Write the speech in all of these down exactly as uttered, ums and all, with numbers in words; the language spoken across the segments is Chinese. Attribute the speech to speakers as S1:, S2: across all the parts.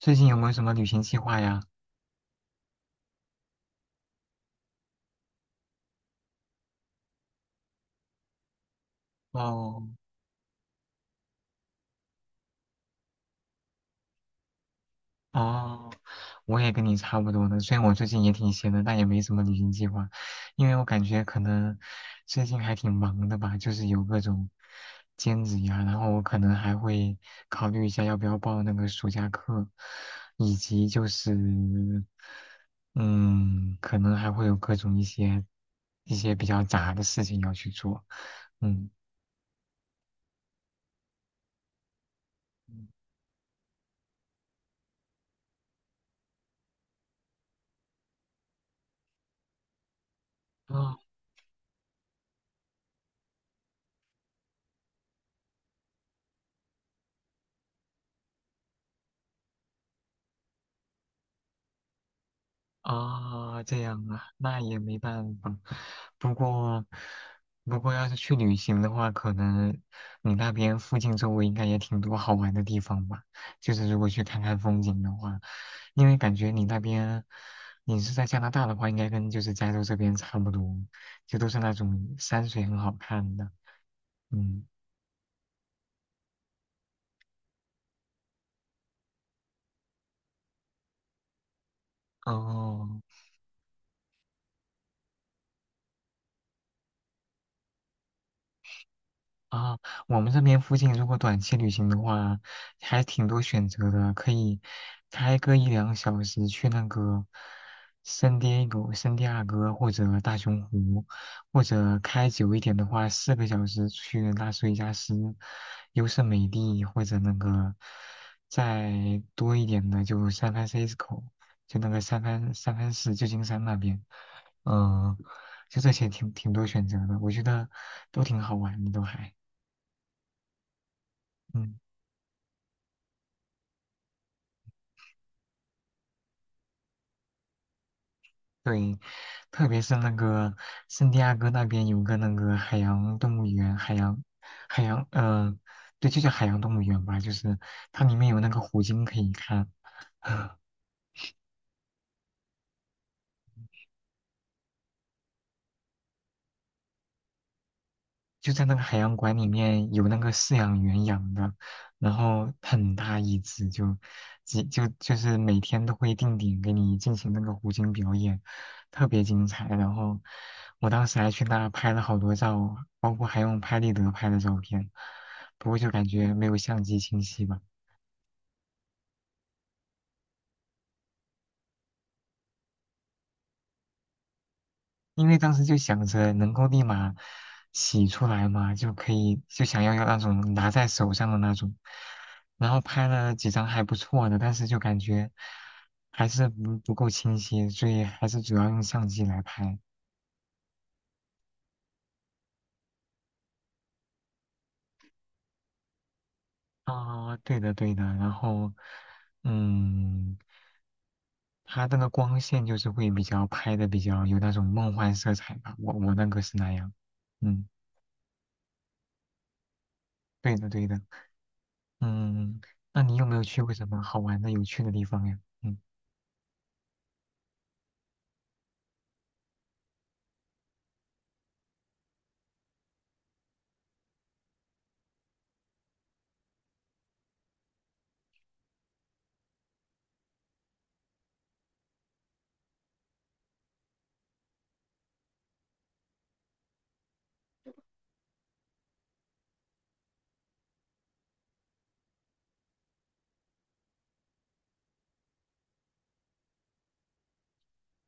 S1: 最近有没有什么旅行计划呀？哦哦，我也跟你差不多的。虽然我最近也挺闲的，但也没什么旅行计划，因为我感觉可能最近还挺忙的吧，就是有各种兼职呀，然后我可能还会考虑一下要不要报那个暑假课，以及就是嗯，可能还会有各种一些一些比较杂的事情要去做，嗯。哦啊，这样啊，那也没办法。不过，不过要是去旅行的话，可能你那边附近周围应该也挺多好玩的地方吧？就是如果去看看风景的话，因为感觉你那边，你是在加拿大的话，应该跟就是加州这边差不多，就都是那种山水很好看的。嗯，哦，啊，我们这边附近如果短期旅行的话，还挺多选择的，可以开个一两小时去那个圣迭戈、圣地亚哥或者大熊湖，或者开久一点的话，四个小时去拉斯维加斯、优胜美地，或者那个再多一点的就三 a n f c i s c o 就那个三藩三藩市旧金山那边，嗯、就这些挺挺多选择的，我觉得都挺好玩的，都还。嗯，对，特别是那个圣地亚哥那边有个那个海洋动物园，海洋海洋，呃，对，就叫海洋动物园吧，就是它里面有那个虎鲸可以看。就在那个海洋馆里面有那个饲养员养的，然后很大一只就，几就就是每天都会定点给你进行那个虎鲸表演，特别精彩。然后我当时还去那拍了好多照，包括还用拍立得拍的照片，不过就感觉没有相机清晰吧。因为当时就想着能够立马洗出来嘛，就可以就想要要那种拿在手上的那种，然后拍了几张还不错的，但是就感觉还是不不够清晰，所以还是主要用相机来拍。啊、对的对的，然后嗯，它那个光线就是会比较拍的比较有那种梦幻色彩吧，我我那个是那样，嗯，对的对的，嗯，那你有没有去过什么好玩的有趣的地方呀？嗯。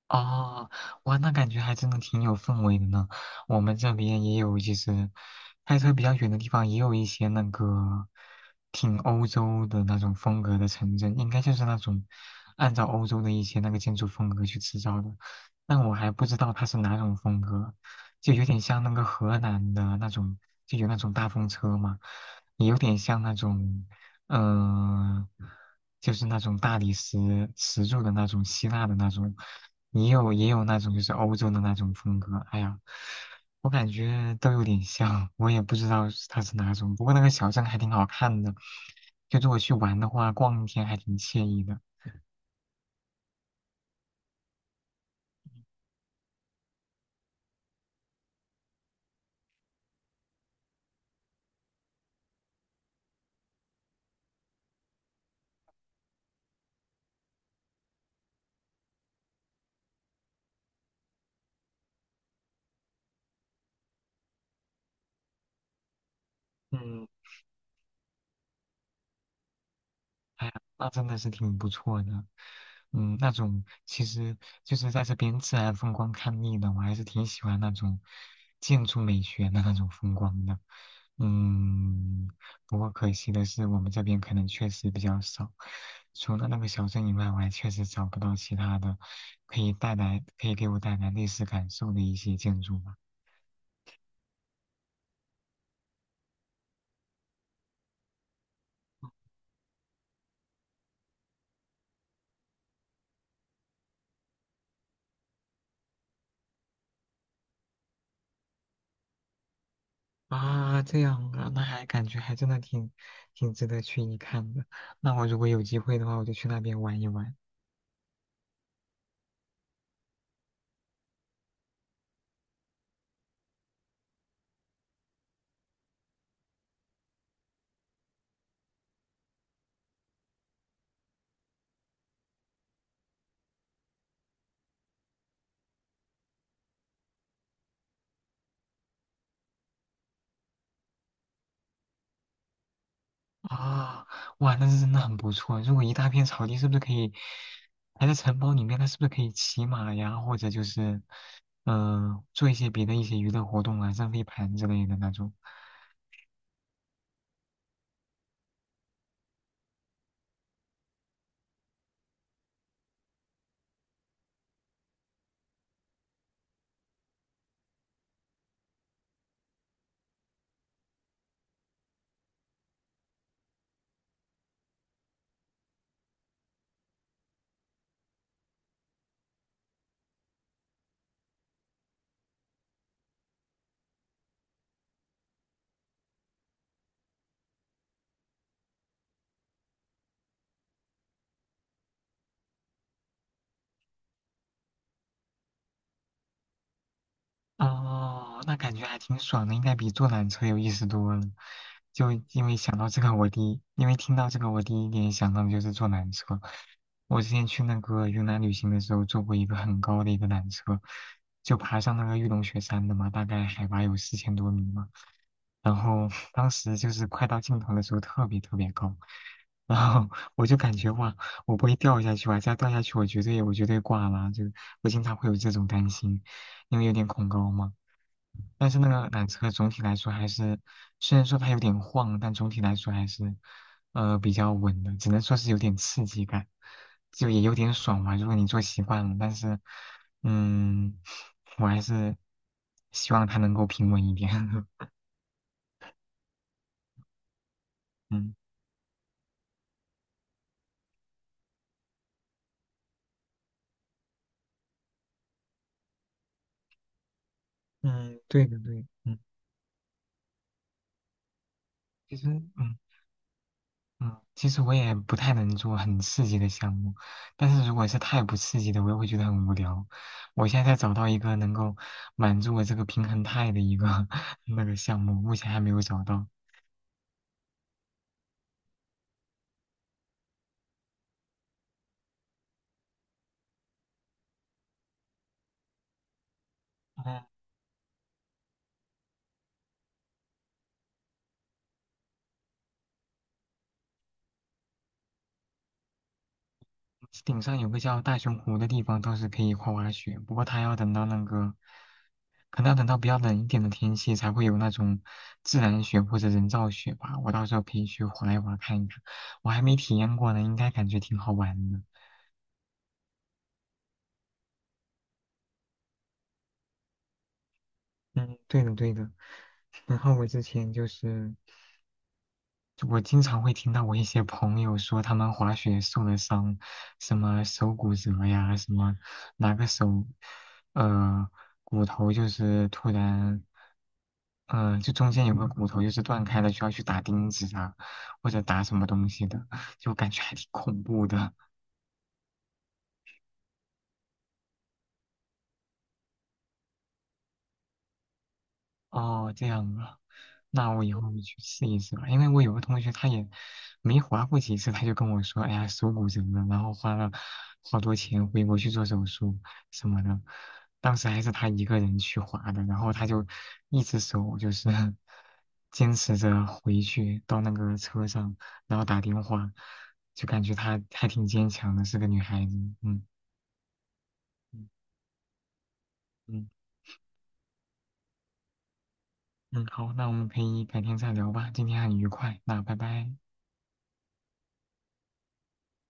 S1: 哦，哇，那感觉还真的挺有氛围的呢。我们这边也有，就是开车比较远的地方，也有一些那个挺欧洲的那种风格的城镇，应该就是那种按照欧洲的一些那个建筑风格去制造的。但我还不知道它是哪种风格，就有点像那个荷兰的那种，就有那种大风车嘛，也有点像那种。嗯、就是那种大理石石柱的那种希腊的那种，也有也有那种就是欧洲的那种风格。哎呀，我感觉都有点像，我也不知道是它是哪种。不过那个小镇还挺好看的，就是我去玩的话，逛一天还挺惬意的。嗯。哎呀，那真的是挺不错的。嗯，那种其实就是在这边自然风光看腻了，我还是挺喜欢那种建筑美学的那种风光的。嗯，不过可惜的是，我们这边可能确实比较少。除了那个小镇以外，我还确实找不到其他的可以带来、可以给我带来历史感受的一些建筑吧。啊，这样啊，那还感觉还真的挺挺值得去一看的。那我如果有机会的话，我就去那边玩一玩。啊，哇，那是真的很不错。如果一大片草地，是不是可以还在城堡里面？那是不是可以骑马呀，或者就是呃做一些别的一些娱乐活动啊，扔飞盘之类的那种？哦，那感觉还挺爽的，应该比坐缆车有意思多了。就因为想到这个，我第一，因为听到这个，我第一点想到的就是坐缆车。我之前去那个云南旅行的时候，坐过一个很高的一个缆车，就爬上那个玉龙雪山的嘛，大概海拔有四千多米嘛。然后当时就是快到尽头的时候特别特别高，然后我就感觉哇，我不会掉下去吧？再掉下去我绝对我绝对挂了，就我经常会有这种担心，因为有点恐高嘛。但是那个缆车总体来说还是，虽然说它有点晃，但总体来说还是，呃，比较稳的，只能说是有点刺激感，就也有点爽嘛。如果你坐习惯了，但是，嗯，我还是希望它能够平稳一点。嗯。嗯，对的对，嗯，其实嗯嗯，其实我也不太能做很刺激的项目，但是如果是太不刺激的，我又会觉得很无聊。我现在在找到一个能够满足我这个平衡态的一个 那个项目，目前还没有找到。嗯，顶上有个叫大熊湖的地方倒是可以滑滑雪，不过它要等到那个。可能要等到比较冷一点的天气才会有那种自然雪或者人造雪吧。我到时候可以去滑一滑看一看，我还没体验过呢，应该感觉挺好玩的。嗯，对的对的。然后我之前就是，我经常会听到我一些朋友说他们滑雪受了伤，什么手骨折呀，什么哪个手，呃，骨头就是突然，嗯、就中间有个骨头就是断开了，需要去打钉子啊，或者打什么东西的，就感觉还挺恐怖的。哦，这样啊，那我以后去试一试吧。因为我有个同学，他也没划过几次，他就跟我说：“哎呀，手骨折了，然后花了好多钱回国去做手术什么的。”当时还是他一个人去划的，然后他就一只手就是 坚持着回去到那个车上，然后打电话，就感觉她还挺坚强的，是个女孩子。嗯嗯嗯嗯，好，那我们可以改天再聊吧。今天很愉快，那拜拜。